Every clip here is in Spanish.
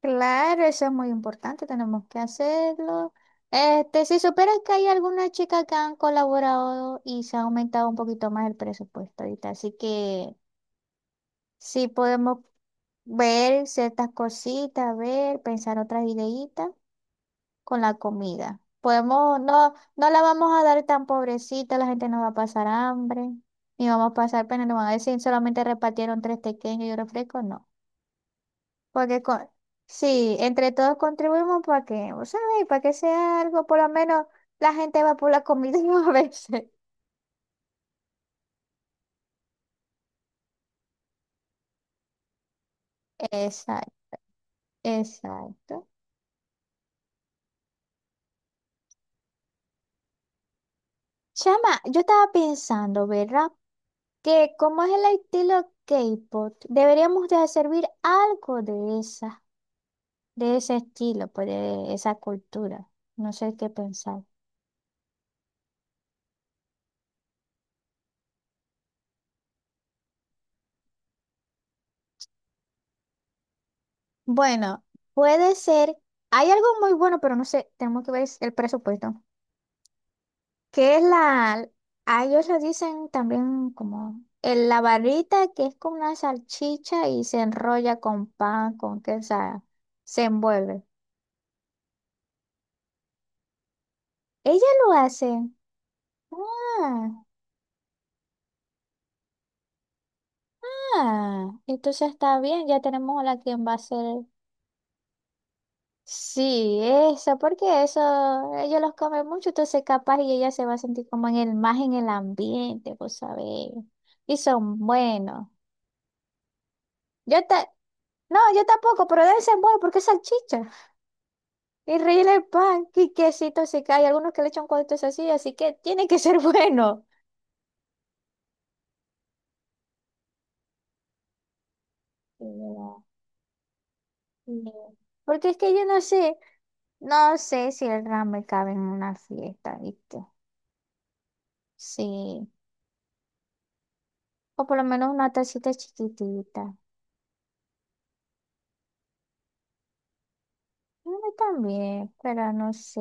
Claro, eso es muy importante, tenemos que hacerlo. Si supieras que hay algunas chicas que han colaborado y se ha aumentado un poquito más el presupuesto ahorita, así que sí podemos ver ciertas cositas, ver, pensar otras ideitas con la comida. Podemos, no, no la vamos a dar tan pobrecita, la gente no va a pasar hambre, ni vamos a pasar pena, no van a decir solamente repartieron tres pequeños y un refresco, no. Porque con, sí, entre todos contribuimos para que, vos sabés, para que sea algo, por lo menos la gente va por la comida a veces. Exacto, exacto. Chama, yo estaba pensando, ¿verdad? Que como es el estilo K-pop, deberíamos de servir algo de esa, de ese estilo, pues de esa cultura. No sé qué pensar. Bueno, puede ser. Hay algo muy bueno, pero no sé, tenemos que ver el presupuesto. que es la, a ellos le dicen también como el, la barrita que es como una salchicha y se enrolla con pan, con queso, se envuelve. Ella lo hace. Ah, ah, entonces está bien, ya tenemos a la quien va a hacer. Sí, eso, ellos los comen mucho, entonces capaz y ella se va a sentir como en el, más en el ambiente, pues sabés. Y son buenos. Yo te, no, yo tampoco, pero deben ser buenos porque es salchicha. Y rellena el pan, y quesito se cae, algunos que le echan cuadritos así, así que tiene que ser bueno. Y "no". Porque es que yo no sé, no sé si el ramen cabe en una fiesta, ¿viste? Sí, o por lo menos una tacita chiquitita. No también, pero no sé.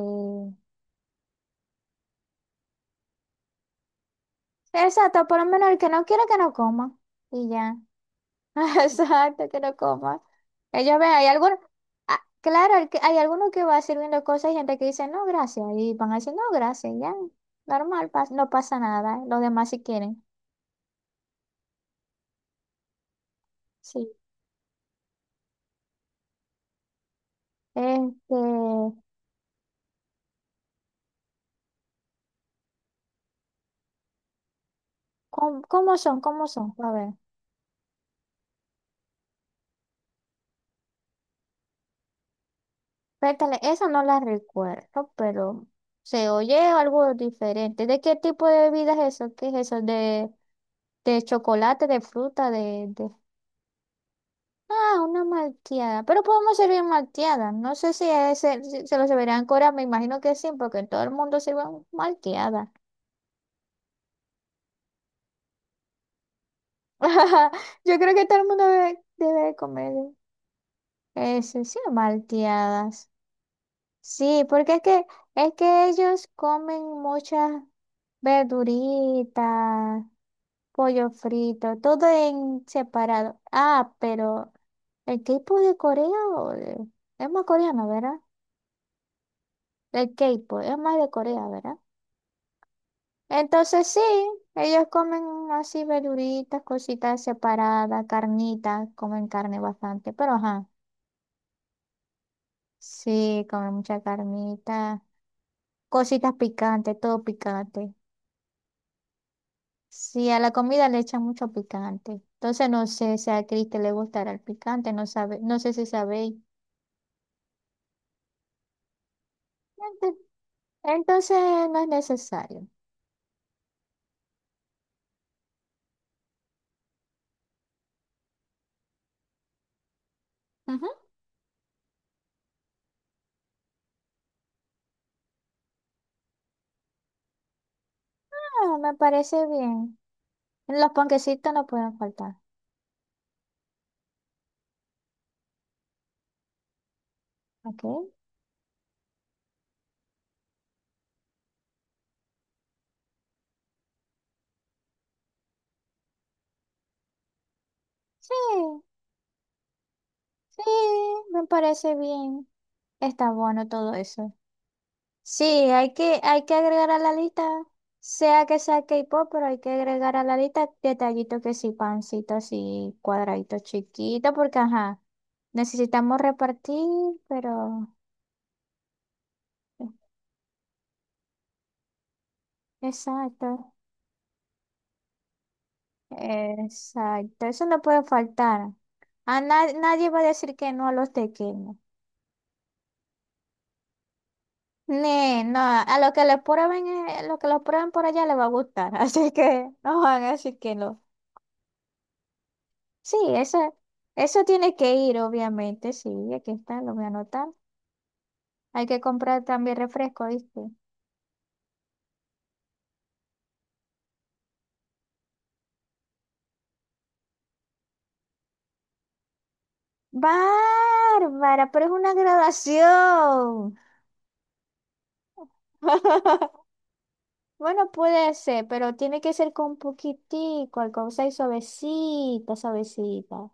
Exacto, por lo menos el que no quiere que no coma. Y ya. Exacto, que no coma. Ellos ven, hay algunos, ah, claro, hay algunos que va sirviendo cosas y gente que dice, no, gracias. Y van a decir, no, gracias, ya, normal, no pasa nada. Los demás si quieren. Sí. Este, ¿Cómo, cómo son? ¿Cómo son? A ver, espérate, esa no la recuerdo, pero se oye algo diferente. ¿De qué tipo de bebida es eso? ¿Qué es eso? De chocolate, de fruta, de... Ah, una malteada. Pero podemos servir malteada. No sé si, es el- si se lo servirán en Corea. Me imagino que sí, porque todo el mundo sirve malteada. Yo creo que todo el mundo debe comer eso, sí, malteadas. Sí, es que ellos comen muchas verduritas, pollo frito, todo en separado. Ah, pero el K-pop de Corea o de- es más coreano, ¿verdad? El K-pop es más de Corea, ¿verdad? Entonces sí, ellos comen así verduritas, cositas separadas, carnitas, comen carne bastante, pero ajá, sí, comen mucha carnita, cositas picantes, todo picante. Sí, a la comida le echan mucho picante. Entonces no sé si a Cristi le gustará el picante, no sabe, no sé si sabéis. Ent- Entonces no es necesario. Ujú, ah, me parece bien. Los panquecitos no pueden faltar, ¿ok? Sí, sí, me parece bien. Está bueno todo eso. Sí, hay que agregar a la lista, sea que sea K-pop, pero hay que agregar a la lista detallitos que sí, pancitos y cuadraditos chiquitos, porque ajá, necesitamos repartir, pero exacto, exacto, eso no puede faltar. Nadie va a decir que no a los pequeños. Ni, no, a lo que les prueben, lo que los prueben por allá les va a gustar, así que no van a decir que no. Sí, eso tiene que ir, obviamente, sí, aquí está, lo voy a anotar. Hay que comprar también refresco, ¿viste? Bárbara, pero es una graduación. Bueno, puede ser, pero tiene que ser con poquitico, alcohol, o sea, y suavecita, suavecita.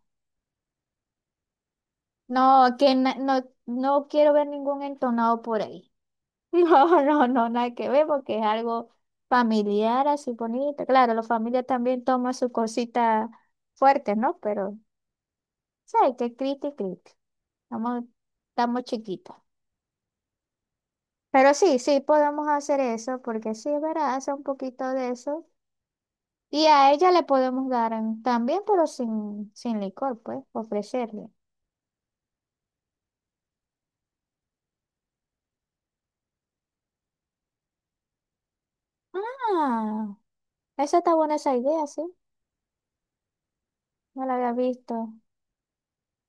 No, no, no quiero ver ningún entonado por ahí. No, no, no, nada que ver porque es algo familiar, así bonito. Claro, la familia también toma sus cositas fuertes, ¿no? Pero, ¿sabes qué? Criti, criti. Estamos, estamos chiquitos. Pero sí, sí, podemos hacer eso porque sí, es verdad, hace un poquito de eso. Y a ella le podemos dar mm, también, pero sin, sin licor, pues, ofrecerle. Ah, esa está buena esa idea, sí. No la había visto.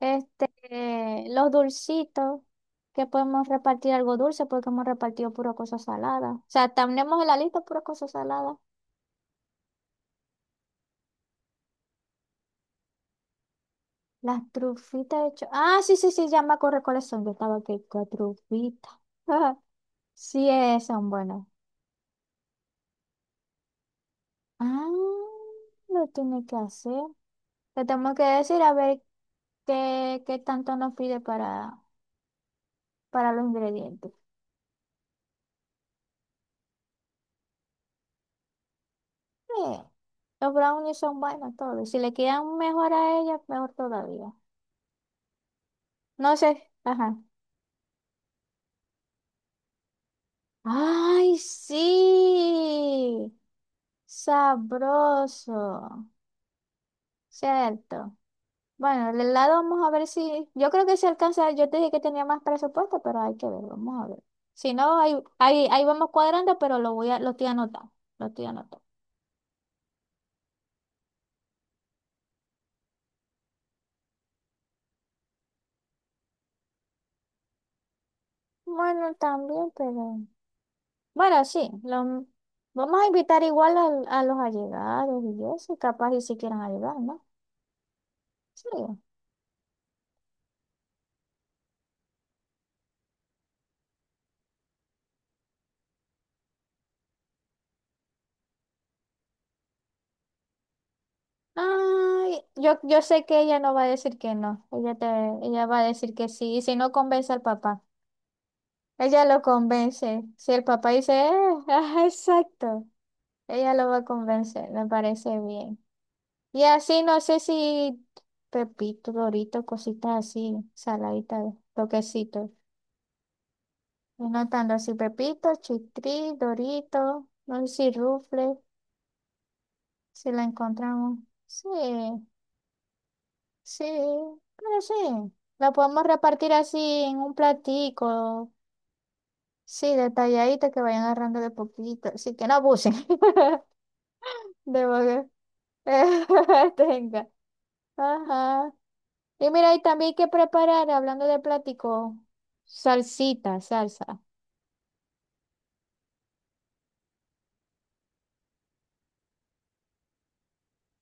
Los dulcitos, que podemos repartir algo dulce porque hemos repartido pura cosa salada. O sea, tenemos en la lista pura cosa salada. Las trufitas ah, sí, sí, sí, ya me acuerdo cuáles son. Yo estaba aquí con trufitas. Sí, son buenos. Ah, lo tiene que hacer. Le tenemos que decir a ver qué, qué tanto nos pide para los ingredientes. Eh, los brownies son buenos todos. Si le quedan mejor a ella, mejor todavía. No sé. Ajá. Ay, sí. Sabroso. Cierto. Bueno, el helado vamos a ver si... Yo creo que se alcanza. Yo te dije que tenía más presupuesto, pero hay que ver. Vamos a ver. Si no, ahí, ahí, ahí vamos cuadrando, pero lo estoy anotando. Lo estoy anotando. Bueno, también, pero... Bueno, sí. Vamos a invitar a los allegados y eso. Capaz y si quieran ayudar, ¿no? Sí. Ay, yo sé que ella no va a decir que no. Ella va a decir que sí. Y si no convence al papá, ella lo convence. Si el papá dice, ajá, exacto, ella lo va a convencer. Me parece bien. Y así no sé si Pepito, Dorito, cositas así, saladitas, toquecitos. Y notando así Pepito, Chitri, Dorito, no sé si Rufle, si la encontramos. Sí. Sí, pero sí, la podemos repartir así en un platico, sí, detalladita que vayan agarrando de poquito, así que no abusen de lo que tenga. Ajá. Y mira, y también hay que preparar, hablando de platico, salsita, salsa.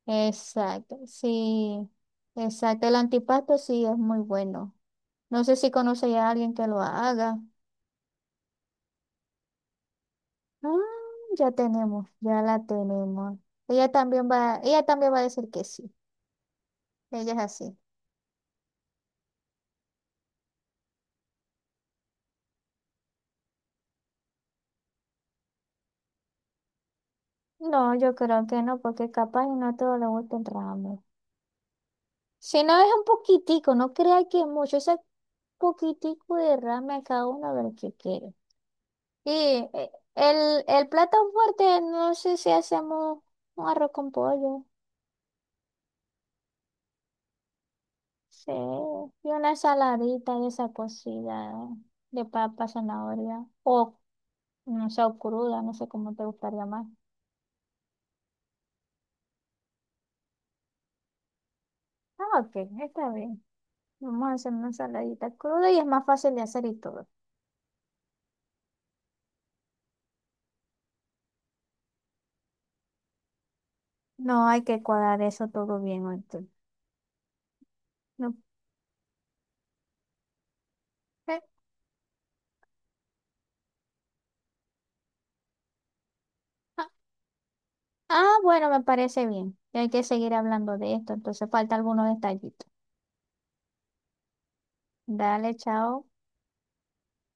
Exacto, sí, exacto. El antipasto sí es muy bueno. No sé si conoce ya a alguien que lo haga. Ah, ya tenemos, ya la tenemos. Ella también va a decir que sí. Ella es así. No, yo creo que no, porque capaz y no todo le gusta el ramen. Si no es un poquitico, no crea que mucho, ese poquitico de ramen a cada uno a ver qué quiere. Y eh, el plato fuerte, no sé si hacemos un arroz con pollo. Sí, y una ensaladita de esa cocida de papa, zanahoria. O no sé, o cruda, no sé cómo te gustaría más. Ah, ok, está bien. Vamos a hacer una ensaladita cruda y es más fácil de hacer y todo. No hay que cuadrar eso todo bien. Ahorita. No. eh, Ah, ah, bueno, me parece bien. Hay que seguir hablando de esto, entonces falta algunos detallitos. Dale, chao.